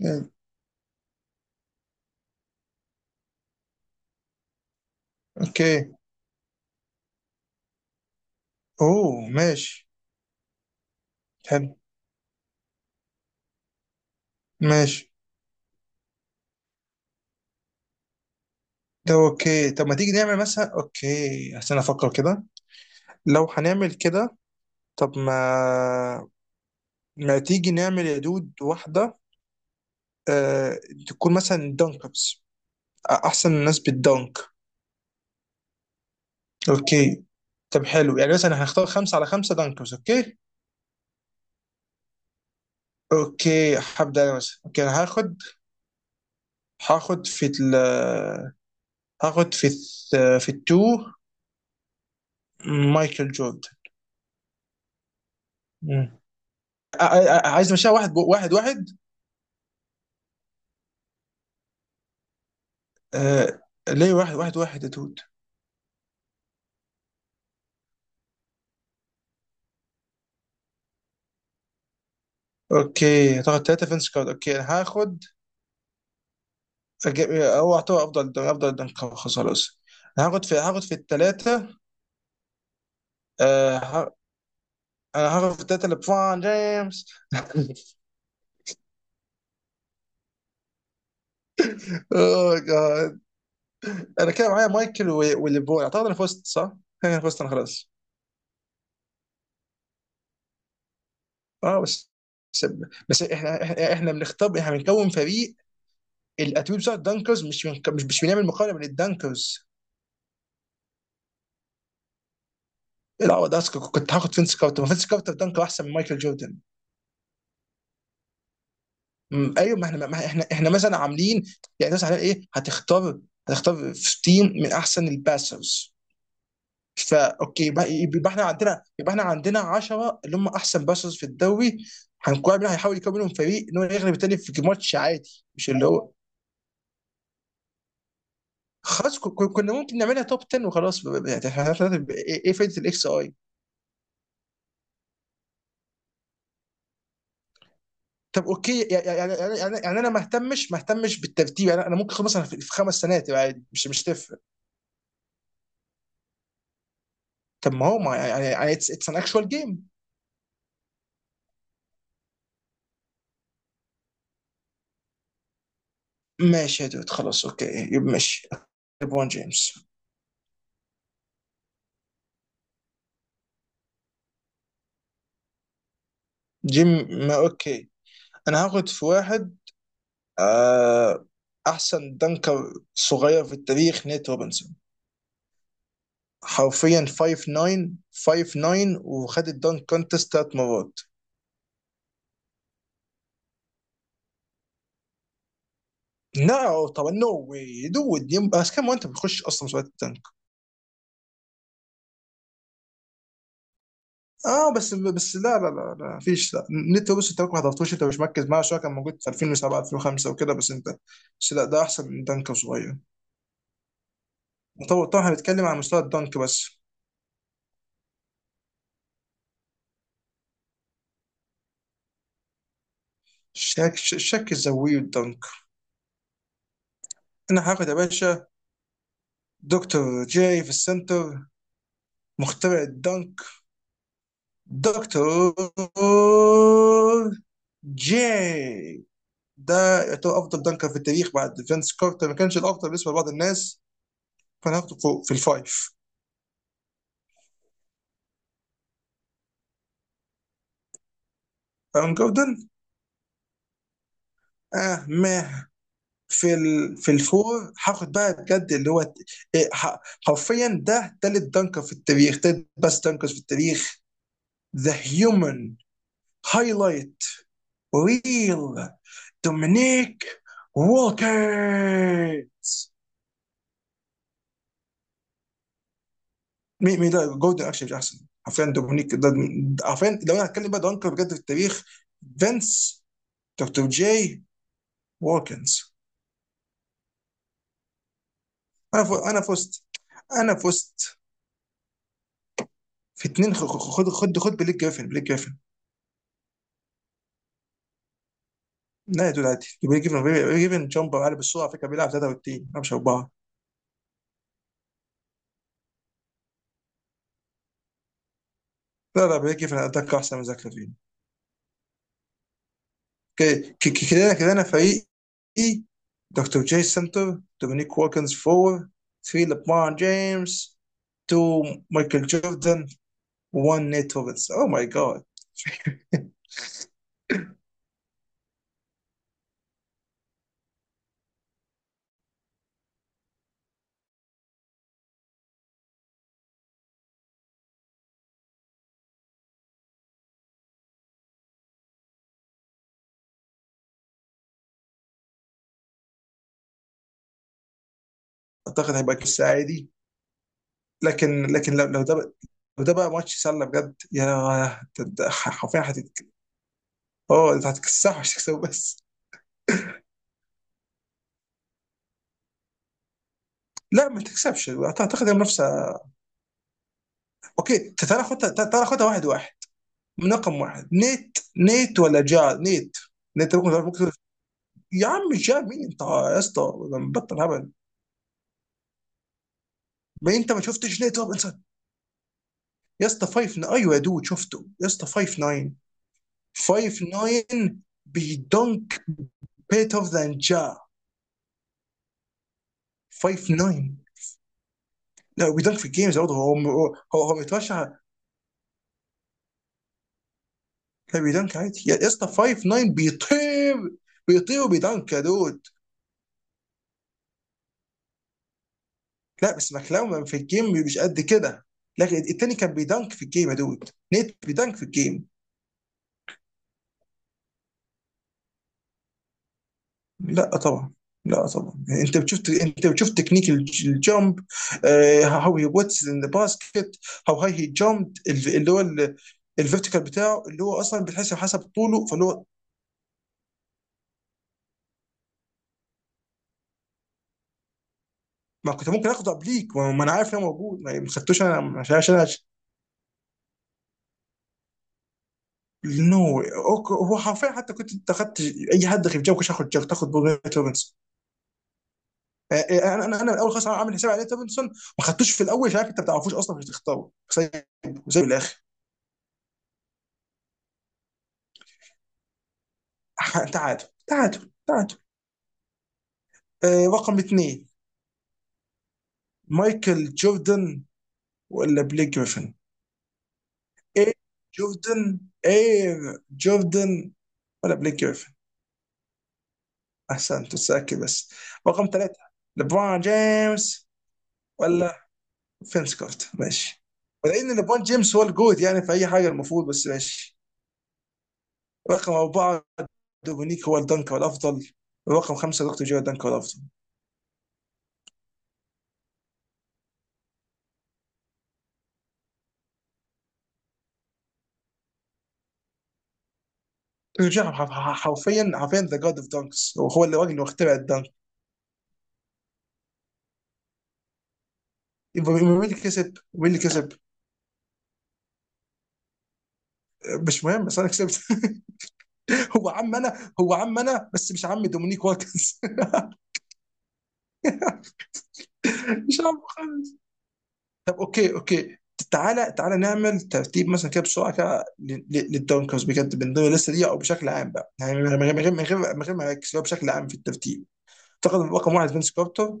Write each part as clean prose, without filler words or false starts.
نعم. اوكي، ماشي. حلو. ماشي. ده اوكي. طب ما تيجي نعمل مثلا اوكي، عشان افكر كده، لو هنعمل كده. طب ما تيجي نعمل يا دود واحدة. آه... تكون مثلا دانكبس، احسن الناس بالدانك. اوكي. طب حلو، يعني مثلا هنختار خمسة على خمسة دانكبس. اوكي. اوكي هبدأ انا مثلا. اوكي انا هاخد في ال، في التو مايكل جوردن. عايز نمشيها واحد واحد واحد. آه، ليه واحد واحد واحد يا دود؟ اوكي هتاخد ثلاثة فينس كارد. اوكي انا هاخد. أجيب- هو اعتبر افضل دنك خلاص خلاص. أنا هاخد في الثلاثة. آه ه- انا هاخد في الثلاثة لبرون جيمس. اوه جاد. انا كده معايا مايكل والليبرون، اعتقد انا فزت صح؟ انا فزت، انا خلاص. اه بس, بس احنا احنا بنختار، احنا بنكون فريق. الاتوبيس بتاع الدنكرز، مش بنعمل مقارنة بين الدنكرز. لا ده أصل كنت هاخد فينس كارتر، ما فينس كارتر دنك احسن من مايكل جوردن. ايوه، ما احنا احنا مثلا عاملين. يعني مثلا على ايه هتختار في تيم من احسن الباسرز. فا اوكي، يبقى احنا عندنا، يبقى احنا عندنا 10 اللي هم احسن باسرز في الدوري. هنكون مين هيحاول يكون منهم فريق ان هو يغلب التاني في ماتش عادي، مش اللي هو. خلاص كنا ممكن نعملها توب 10 وخلاص. يعني ايه، إيه فايده الاكس اي؟ طب اوكي، يعني انا ما اهتمش بالترتيب. يعني انا ممكن خلاص، انا في خمس سنوات يبقى عادي، مش تفرق. طب ما هو ما، يعني اتس ان اكشوال جيم. ماشي يا دود، خلاص اوكي. يبقى ماشي. ليبرون جيمس. جيم. ما اوكي، انا هاخد في واحد. آه احسن دنكر صغير في التاريخ، نيت روبنسون. حرفيا 5 9. 5 9، وخد الدنك كونتست ثلاث مرات. لا طبعا، نو واي دود. بس كم وانت بتخش اصلا مسابقات الدنك؟ اه بس لا لا لا لا فيش لا. نت، بص انت ممكن ما حضرتوش، انت مش مركز معاه شويه. كان موجود في 2007، 2005 وكده، بس انت. بس لا، ده احسن من دنك صغير. طبعا طبعا، هنتكلم عن مستوى الدنك بس. شك الزاويه والدنك. انا هاخد يا باشا دكتور جاي في السنتر، مخترع الدنك. دكتور جاي. ده يعتبر افضل دنكر في التاريخ بعد فينس كارتر، ما كانش الافضل بالنسبه لبعض الناس. فانا هاخده فوق في الفايف. ارون جوردن. اه ما في الفور هاخد بقى بجد اللي هو، إيه، ح- حرفيا ده تالت دنكر في التاريخ. تالت بس دنكر في التاريخ. ذا هيومن هايلايت ريل، دومينيك ووكر. مين؟ مين ده؟ جوردن اكشن مش احسن حرفيا، دومينيك. حرفيا لو انا هتكلم بقى دنكر بجد في التاريخ، فينس، دكتور جاي، ووكنز. انا فزت. انا فزت. في اتنين، خد خد خد بليك جريفن. بليك جريفن. لا يا دود، عادي بري جيفن. بري جيفن جامبر عالي بالسرعه، على فكره بيلعب 33 مش اربعه. لا لا، بري جيفن اتاك احسن من زاك لافين. ك- كده كده، انا فريقي. دكتور جاي سنتر، دومينيك ووكنز فور، 3 لبرون جيمس، 2 مايكل جوردن، 1 نيت روبنز. اوه ماي جاد. اعتقد هيبقى قصه عادي، لكن لو لو ده بقى ماتش سله بجد يا. ده حرفيا اه، انت هتكسحها مش هتكسب بس. لا ما تكسبش، اعتقد المنافسه. اوكي، تعال خدها، تعال خدها واحد واحد. من رقم واحد نيت. نيت ولا جار؟ نيت نيت. ممكن تقول. يا عم جار مين انت يا اسطى، ولا بطل هبل؟ ما انت ما شفتش نيت روبنسون؟ يا اسطى 5، ايوه يا دود شفته. يا اسطى 5 9. 5 9 بيدنك. بيتر ذان جار. 5 9. لا بيدنك في الجيمز برضه، هو هو بيتوشع. لا بيدنك عادي يا اسطى، 5 9 بيطير. بيطير وبيدنك يا دود. لا بس ماكلاومان في الجيم مش قد كده. لكن التاني كان بيدنك في الجيم يا دود، نيت بيدنك في الجيم. لا طبعا. لا طبعا، يعني انت بتشوف تكنيك الجامب. هاو هي واتس ان ذا باسكت. هاو هاي هي جامب، اللي هو الفيرتيكال بتاعه اللي هو اصلا بتحسب حسب طوله، فاللي هو. ما كنت ممكن اخده قبليك، ما انا عارف ان هو موجود. ما خدتوش انا، عشان نو. هو حرفيا حتى كنت انت اخدت اي حد غير جامب، كنت هاخد جامب. تاخد بوجيت روبنز. انا انا اول خالص عامل حساب على ديفيدسون. ما خدتوش في الاول عشان عارف انت ما بتعرفوش اصلا، مش هتختاره سايبه وسايبه للاخر. تعادل، تعادل، تعادل. رقم اثنين، مايكل جوردن ولا بليك جريفن؟ ايه؟ جوردن. ايه؟ جوردن ولا بليك جريفن؟ احسن تتسكي بس. رقم ثلاثة، ليبرون جيمس ولا فينس كورت؟ ماشي. ولان ليبرون جيمس هو الجود يعني في اي حاجه المفروض، بس ماشي. رقم أربعة، دومينيك هو الدنك الافضل. ورقم خمسه، دكتور جيرارد دانك هو الافضل. دكتور جيرارد، حرفيا ذا جاد اوف دانكس. هو الراجل اللي اخترع الدنك. يبقى مين اللي كسب؟ مين اللي كسب؟ مش مهم بس انا كسبت. هو عم انا، بس مش عم دومينيك واتكنز. مش عم خالص. طب اوكي، اوكي. تعالى تعالى نعمل ترتيب مثلا كده بسرعه كده، للدونكرز بجد من ضمن الليسته دي او بشكل عام بقى، يعني من غير ما اركز، هو بشكل عام في الترتيب. اعتقد رقم واحد فينس كارتر.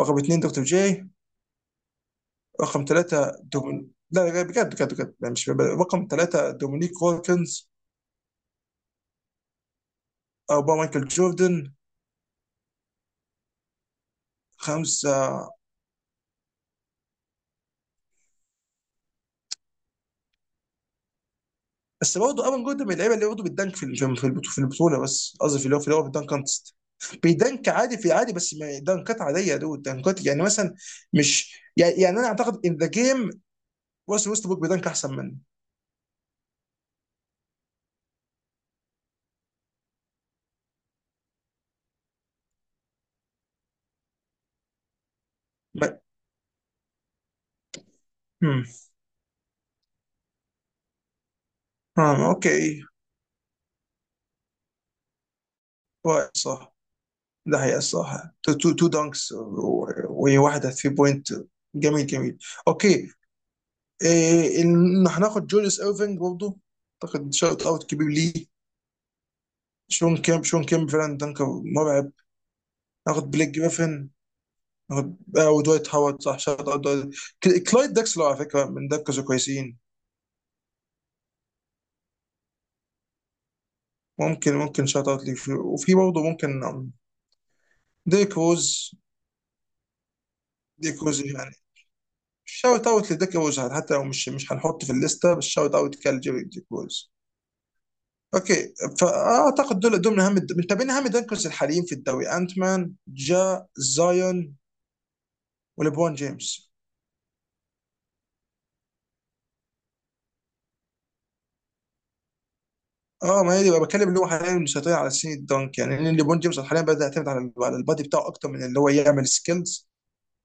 رقم اثنين دكتور جاي. رقم ثلاثة لا لا، بجد لا، مش بجد. رقم ثلاثة دومينيك وولكنز. أربعة مايكل جوردن. خمسة. بس برضه ايفان جوردن من اللعيبه اللي برضه بتدنك في البطوله، في البطوله، بس قصدي في اللي هو، في الدنك كونتست. بيدنك عادي في عادي، بس ما دنكات عاديه، دول دنكات يعني مثلا. مش يعني، انا اعتقد ان ذا جيم، ويست بوك بيدنك احسن منه. ب- هم. اوكي. رأي صح. ده هي الصراحه تو دانكس وواحده 3 بوينت. جميل جميل. اوكي. إيه إن هناخد جوليس ايرفينج برضه؟ اعتقد شوت اوت كبير ليه. شون كيم فعلا دنكر مرعب. ناخد بليك جريفن. ناخد ودوايت هاورد، صح، شوت اوت دويت. كلايد داكسلر على فكره من دكز كويسين. ممكن، شوت اوت ليه. وفي برضه ممكن، ديك روز. ديك روز يعني، شوت اوت لديك روز، حتى لو مش مش هنحط في الليسته، بس شوت اوت كال جيري ديك روز. اوكي. فاعتقد دول من اهم من تابعين اهم دنكرز الحاليين في الدوري، انت مان، جا، زايون وليبرون جيمس. اه ما هي دي بقى بتكلم اللي هو حاليا مسيطر على سن الدنك يعني، لان ليبرون جيمس حاليا بدا يعتمد على البادي بتاعه اكتر من اللي هو يعمل سكيلز.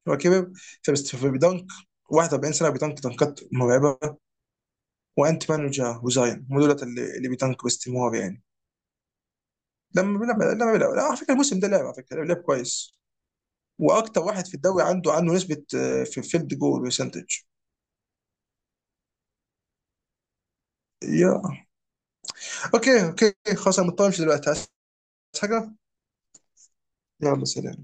هو كبر. فبس فبيدنك 41 سنه، بيدنك دنكات مرعبه. وانت مان وجا وزاين هم دولت اللي بيدنك باستمرار يعني. لما بيلعب لا، على فكره الموسم ده لعب، على فكره لعب كويس. واكتر واحد في الدوري عنده، نسبه في فيلد جول برسنتج. يا اوكي، اوكي خلاص، انا مضطر امشي دلوقتي، عايز حاجه. يلا سلام.